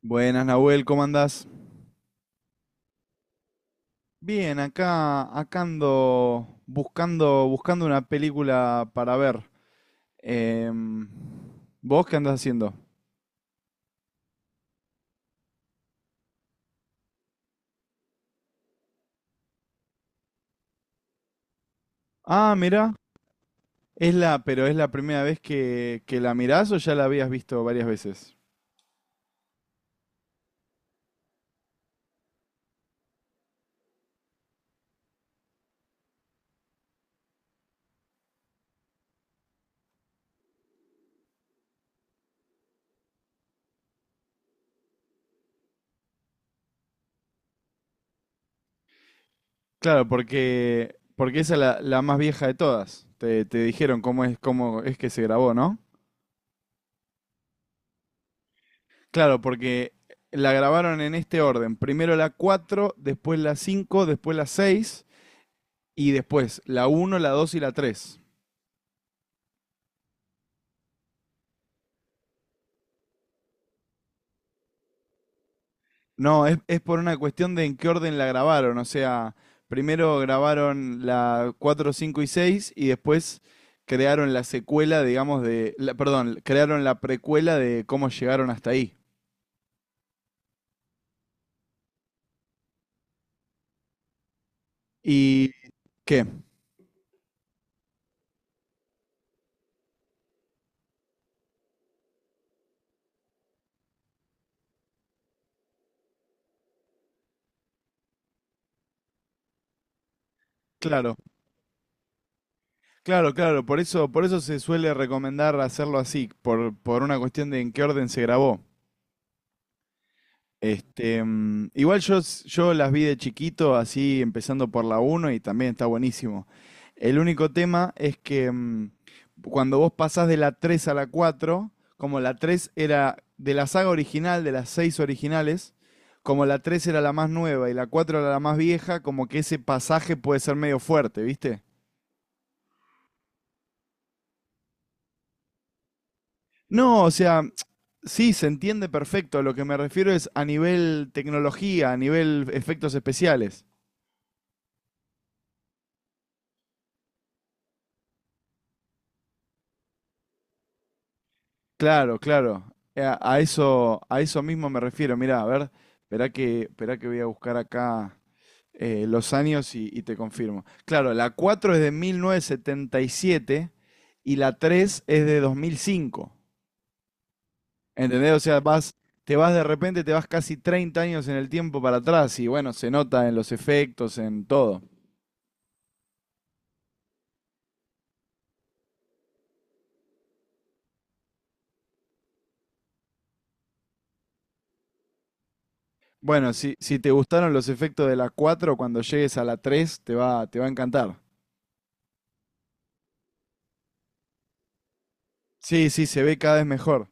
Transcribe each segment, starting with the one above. Buenas, Nahuel, ¿cómo andás? Bien, acá ando buscando una película para ver. Em, ¿Vos qué andás haciendo? Ah, mirá, pero es la primera vez que la mirás o ya la habías visto varias veces. Claro, porque esa es la más vieja de todas. Te dijeron cómo es que se grabó, ¿no? Claro, porque la grabaron en este orden. Primero la 4, después la 5, después la 6. Y después, la uno, la 2 y la tres. No, es por una cuestión de en qué orden la grabaron. O sea, primero grabaron la 4, 5 y 6 y después crearon la secuela, digamos, perdón, crearon la precuela de cómo llegaron hasta ahí. ¿Y qué? Claro, claro, claro. Por eso se suele recomendar hacerlo así, por una cuestión de en qué orden se grabó. Este, igual yo las vi de chiquito, así empezando por la uno y también está buenísimo. El único tema es que cuando vos pasás de la 3 a la cuatro, como la 3 era de la saga original, de las 6 originales, como la 3 era la más nueva y la 4 era la más vieja, como que ese pasaje puede ser medio fuerte, ¿viste? No, o sea, sí, se entiende perfecto. Lo que me refiero es a nivel tecnología, a nivel efectos especiales. Claro, claro. A eso, a eso mismo me refiero. Mirá, a ver, esperá que voy a buscar acá los años y te confirmo. Claro, la 4 es de 1977 y la 3 es de 2005. ¿Entendés? O sea, te vas de repente, te vas casi 30 años en el tiempo para atrás y bueno, se nota en los efectos, en todo. Bueno, si te gustaron los efectos de la 4, cuando llegues a la 3 te va a encantar. Sí, sí, se ve cada vez mejor.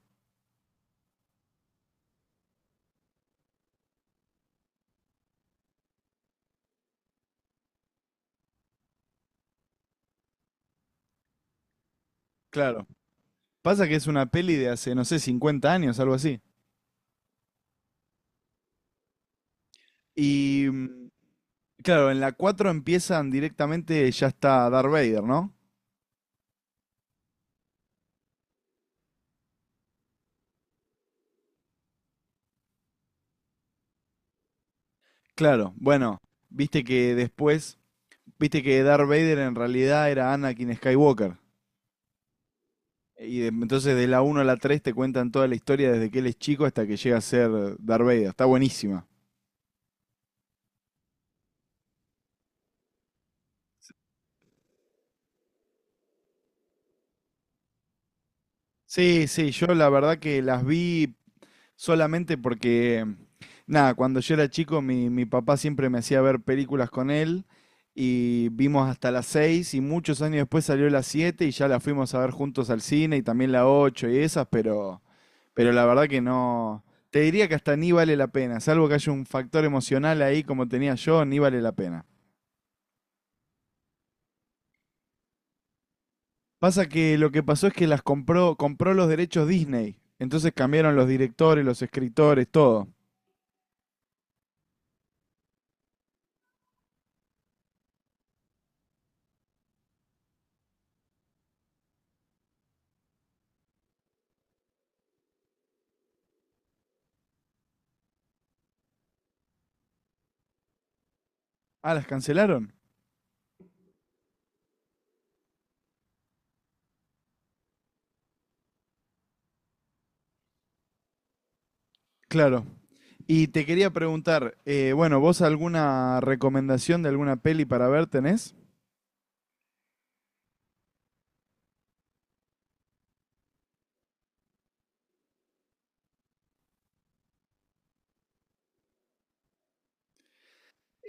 Claro. Pasa que es una peli de hace, no sé, 50 años, algo así. Y claro, en la 4 empiezan directamente, ya está Darth Vader, ¿no? Claro, bueno, viste que después, viste que Darth Vader en realidad era Anakin Skywalker. Y entonces de la uno a la 3 te cuentan toda la historia desde que él es chico hasta que llega a ser Darth Vader. Está buenísima. Sí, sí, yo la verdad que las vi solamente porque, nada, cuando yo era chico, mi papá siempre me hacía ver películas con él y vimos hasta las 6 y muchos años después salió las 7 y ya la fuimos a ver juntos al cine y también la 8 y esas, pero, la verdad que no. Te diría que hasta ni vale la pena, salvo que haya un factor emocional ahí como tenía yo, ni vale la pena. Pasa que lo que pasó es que las compró, compró los derechos Disney, entonces cambiaron los directores, los escritores, todo. Ah, ¿las cancelaron? Claro. Y te quería preguntar, bueno, ¿vos alguna recomendación de alguna peli para ver tenés?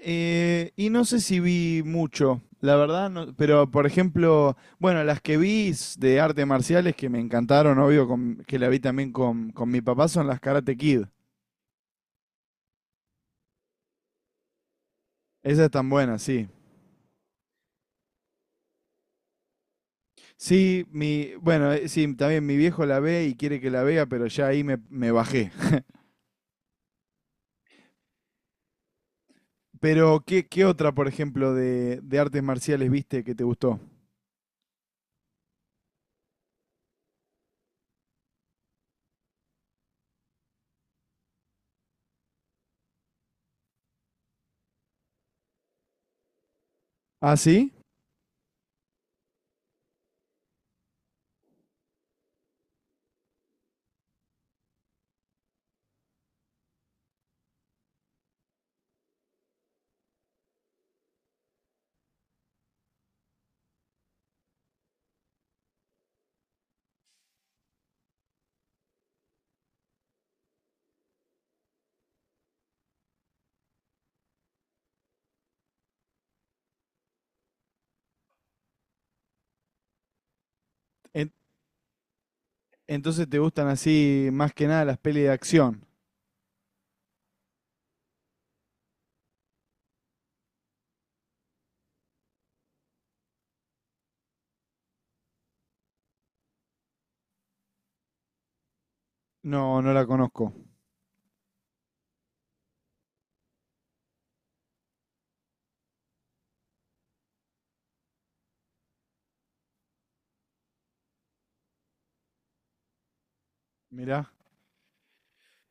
Y no sé si vi mucho, la verdad, pero por ejemplo, bueno, las que vi de artes marciales que me encantaron, obvio, que la vi también con mi papá, son las Karate Kid. Esas están buenas, sí. Sí, bueno, sí, también mi viejo la ve y quiere que la vea, pero ya ahí me bajé. Pero, ¿qué otra, por ejemplo, de artes marciales viste que te gustó? ¿Ah, sí? En- entonces te gustan así más que nada las pelis de acción. No, no la conozco. Mirá.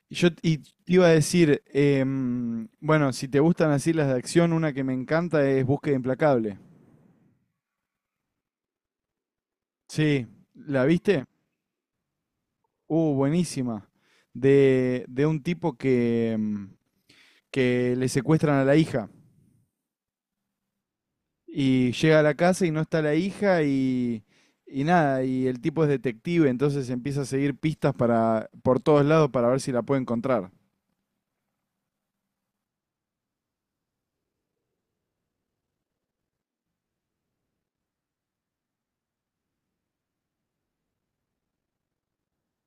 Y te iba a decir, bueno, si te gustan así las de acción, una que me encanta es Búsqueda Implacable. Sí, ¿la viste? Buenísima. De un tipo que, que le secuestran a la hija. Y llega a la casa y no está la hija y nada, y el tipo es detective, entonces empieza a seguir pistas por todos lados para ver si la puede encontrar.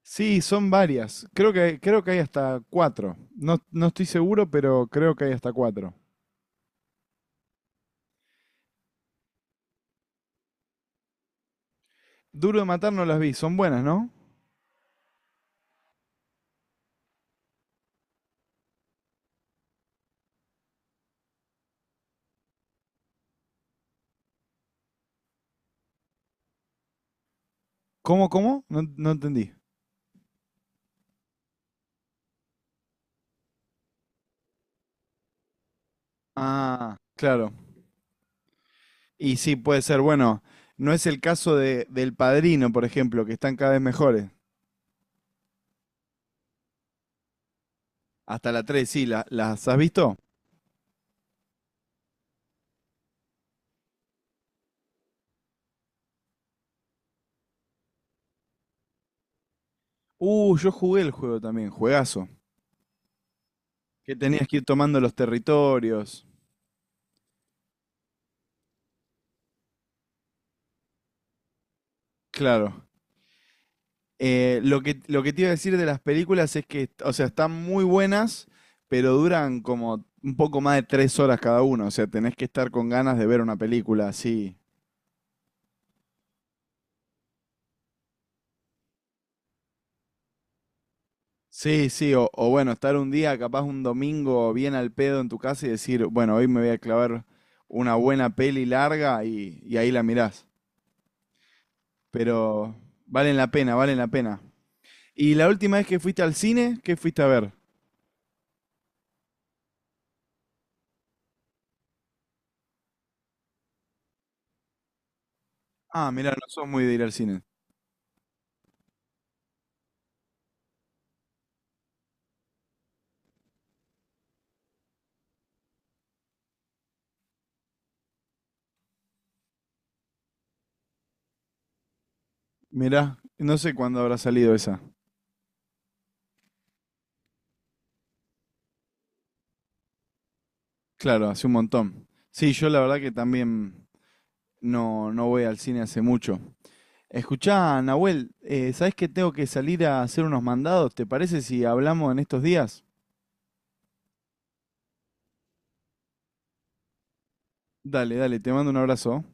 Sí, son varias. Creo que hay hasta cuatro. No, no estoy seguro, pero creo que hay hasta cuatro. Duro de matar no las vi, son buenas, ¿no? ¿Cómo, cómo? No, no entendí. Ah, claro. Y sí, puede ser. Bueno, no es el caso del Padrino, por ejemplo, que están cada vez mejores. Hasta la 3, sí, ¿las has visto? Yo jugué el juego también, juegazo. Que tenías que ir tomando los territorios. Claro. Lo que te iba a decir de las películas es que, o sea, están muy buenas, pero duran como un poco más de 3 horas cada uno. O sea, tenés que estar con ganas de ver una película así. Sí, sí, o bueno, estar un día, capaz un domingo bien al pedo en tu casa y decir, bueno, hoy me voy a clavar una buena peli larga y ahí la mirás. Pero valen la pena, valen la pena. ¿Y la última vez que fuiste al cine, qué fuiste a ver? Ah, mirá, no sos muy de ir al cine. Mirá, no sé cuándo habrá salido esa. Claro, hace un montón. Sí, yo la verdad que también no, no voy al cine hace mucho. Escuchá, Nahuel, ¿sabés que tengo que salir a hacer unos mandados? ¿Te parece si hablamos en estos días? Dale, dale, te mando un abrazo.